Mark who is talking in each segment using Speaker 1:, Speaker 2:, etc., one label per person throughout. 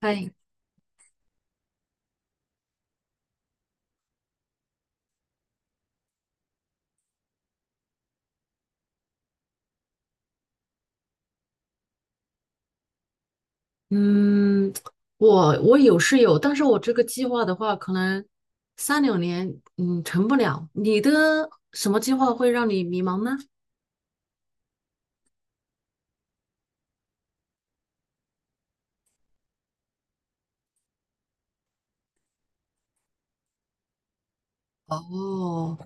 Speaker 1: 哎，嗯，我有是有，但是我这个计划的话，可能三两年，成不了。你的什么计划会让你迷茫呢？哦，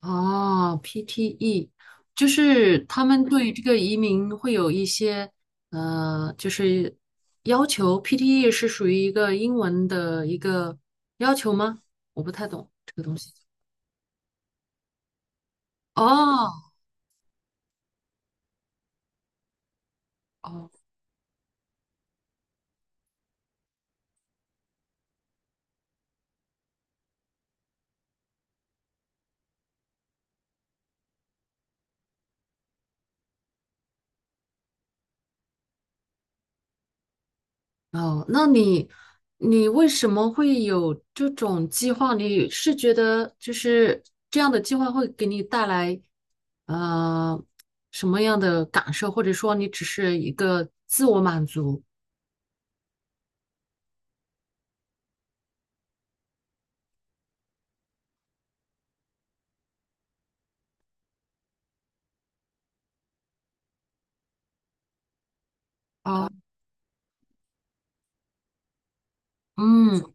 Speaker 1: 哦，PTE，就是他们对这个移民会有一些，就是要求。PTE 是属于一个英文的一个要求吗？我不太懂这个东西。哦，哦，哦，那你为什么会有这种计划？你是觉得就是这样的计划会给你带来呃什么样的感受，或者说你只是一个自我满足？啊。嗯。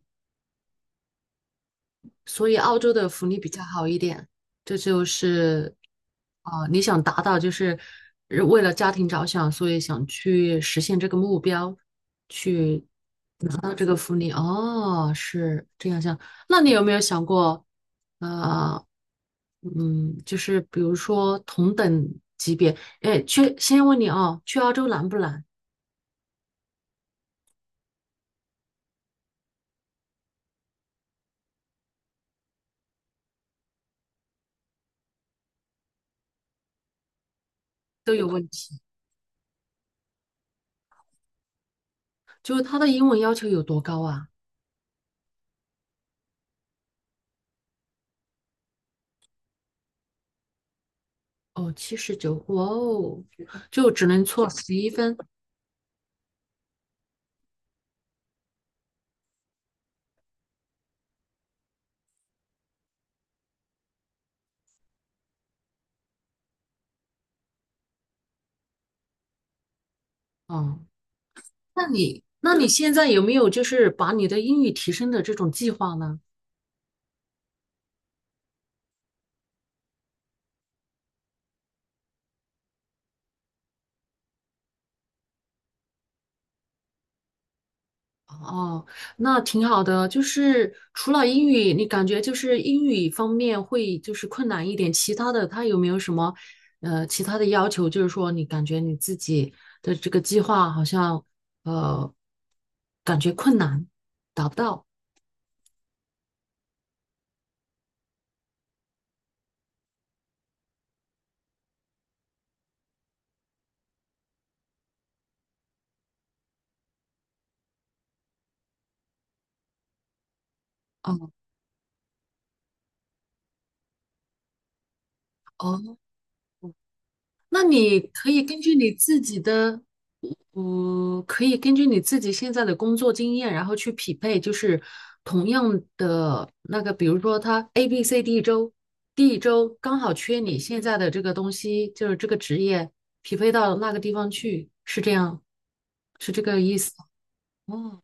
Speaker 1: 所以澳洲的福利比较好一点。这就是，啊、你想达到就是为了家庭着想，所以想去实现这个目标，去拿到这个福利。哦，是这样想。那你有没有想过，呃，就是比如说同等级别，哎，去先问你啊，去澳洲难不难？都有问题，就是他的英文要求有多高啊？哦，79，哇哦，就只能错11分哦。那你，那你现在有没有就是把你的英语提升的这种计划呢？哦，那挺好的。就是除了英语，你感觉就是英语方面会就是困难一点，其他的他有没有什么其他的要求？就是说你感觉你自己的这个计划好像呃感觉困难，达不到。哦哦，那你可以根据你自己的可以根据你自己现在的工作经验，然后去匹配，就是同样的那个，比如说他 A、B、C、D 周，D 周刚好缺你现在的这个东西，就是这个职业，匹配到那个地方去，是这样，是这个意思。哦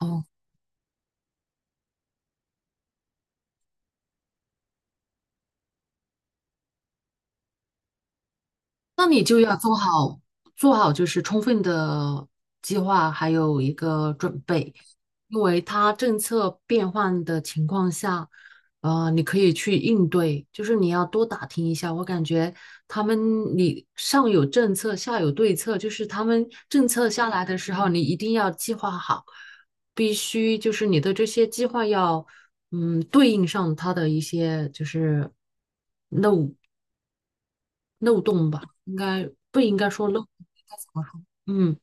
Speaker 1: 哦那你就要做好就是充分的计划，还有一个准备，因为它政策变换的情况下，你可以去应对，就是你要多打听一下。我感觉他们你上有政策，下有对策，就是他们政策下来的时候，你一定要计划好，必须就是你的这些计划要对应上他的一些就是。漏洞吧，应该不应该说漏洞，应该怎么说？嗯，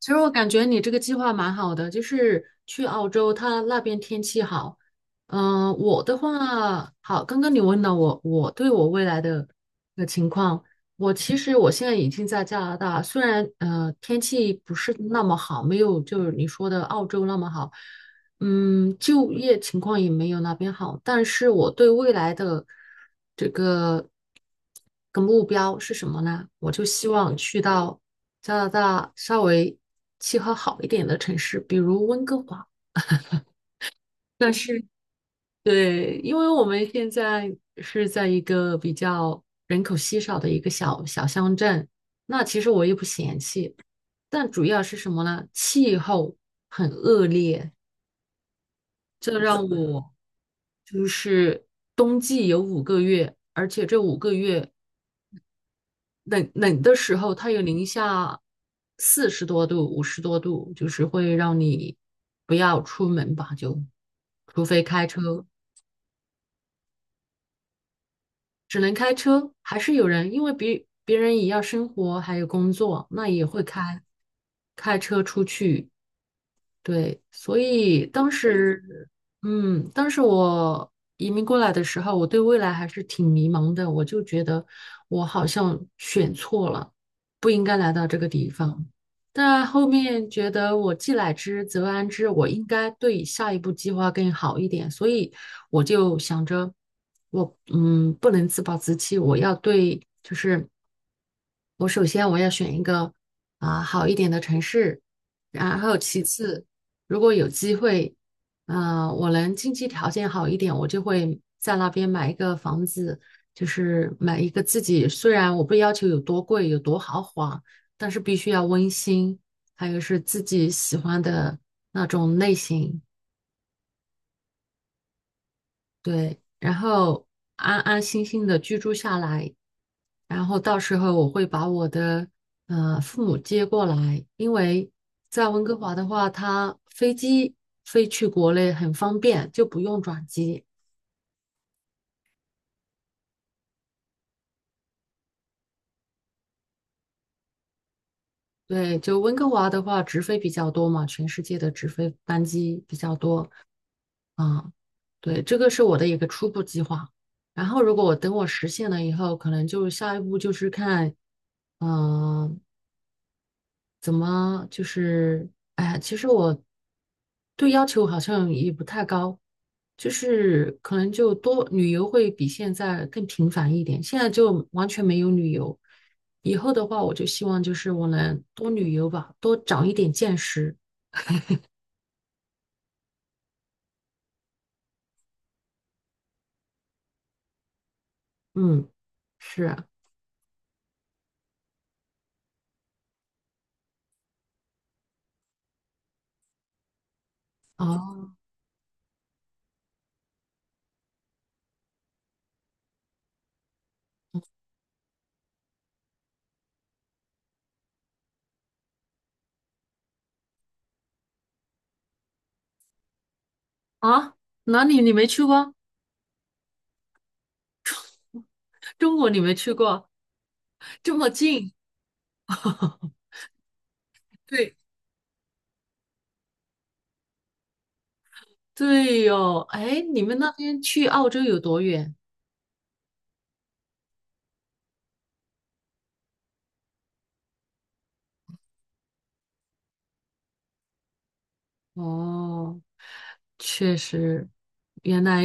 Speaker 1: 其实我感觉你这个计划蛮好的，就是去澳洲，它那边天气好。嗯、我的话，好，刚刚你问了我，我对我未来的的情况，我其实我现在已经在加拿大，虽然天气不是那么好，没有就是你说的澳洲那么好，就业情况也没有那边好，但是我对未来的这个目标是什么呢？我就希望去到加拿大稍微气候好一点的城市，比如温哥华。但是，对，因为我们现在是在一个比较人口稀少的一个小小乡镇，那其实我也不嫌弃，但主要是什么呢？气候很恶劣。这让我就是冬季有五个月，而且这五个月冷冷的时候，它有零下40多度、50多度，就是会让你不要出门吧，就除非开车，只能开车，还是有人，因为别人也要生活还有工作，那也会开车出去，对，所以当时，当时我移民过来的时候，我对未来还是挺迷茫的，我就觉得我好像选错了，不应该来到这个地方。但后面觉得我既来之则安之，我应该对下一步计划更好一点，所以我就想着，我不能自暴自弃，我要对就是。我首先要选一个啊、好一点的城市，然后其次，如果有机会，啊、我能经济条件好一点，我就会在那边买一个房子，就是买一个自己，虽然我不要求有多贵，有多豪华，但是必须要温馨，还有是自己喜欢的那种类型，对，然后安安心心的居住下来。然后到时候我会把我的父母接过来，因为在温哥华的话，它飞机飞去国内很方便，就不用转机。对，就温哥华的话，直飞比较多嘛，全世界的直飞班机比较多啊。对，这个是我的一个初步计划。然后，如果我等我实现了以后，可能就下一步就是看，嗯、怎么就是，哎呀，其实我对要求好像也不太高，就是可能就多旅游会比现在更频繁一点，现在就完全没有旅游。以后的话，我就希望就是我能多旅游吧，多长一点见识。嗯，是啊，哦啊，哪里你没去过？中国你没去过，这么近。对对哟，哎，你们那边去澳洲有多远？哦。确实，原来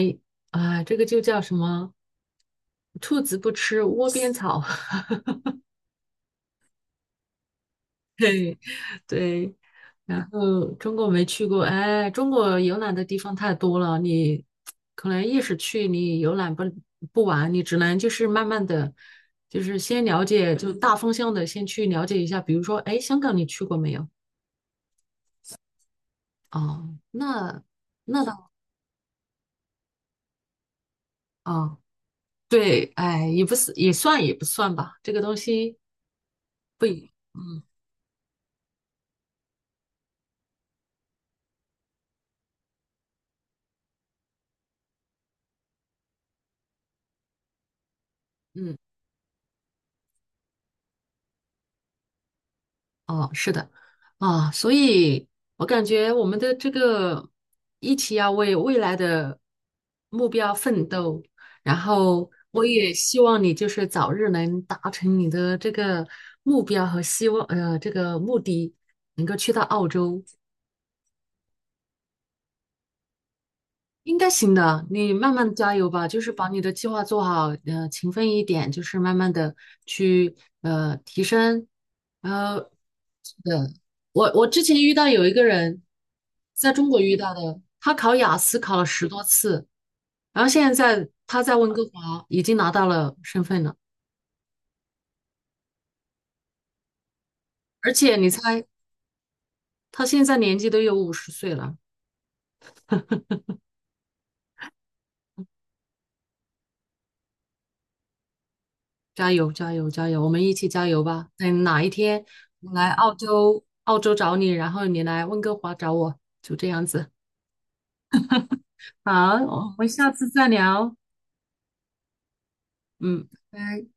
Speaker 1: 啊，这个就叫什么？兔子不吃窝边草。对对，然后中国没去过，哎，中国游览的地方太多了，你可能一时去你游览不完，你只能就是慢慢的，就是先了解，就大方向的先去了解一下。比如说，哎，香港你去过没有？哦，那那倒啊，对，哎，也不是也算也不算吧，这个东西不一，嗯。嗯，哦，是的，啊，所以我感觉我们的这个一起要为未来的目标奋斗，然后我也希望你就是早日能达成你的这个目标和希望，这个目的能够去到澳洲，应该行的，你慢慢加油吧，就是把你的计划做好，勤奋一点，就是慢慢的去提升，呃，是的，我之前遇到有一个人，在中国遇到的，他考雅思考了10多次，然后现在他在温哥华已经拿到了身份了，而且你猜他现在年纪都有50岁了。加油，加油，加油！我们一起加油吧！等哪一天我来澳洲，澳洲找你，然后你来温哥华找我，就这样子。好，我们下次再聊。嗯，拜拜。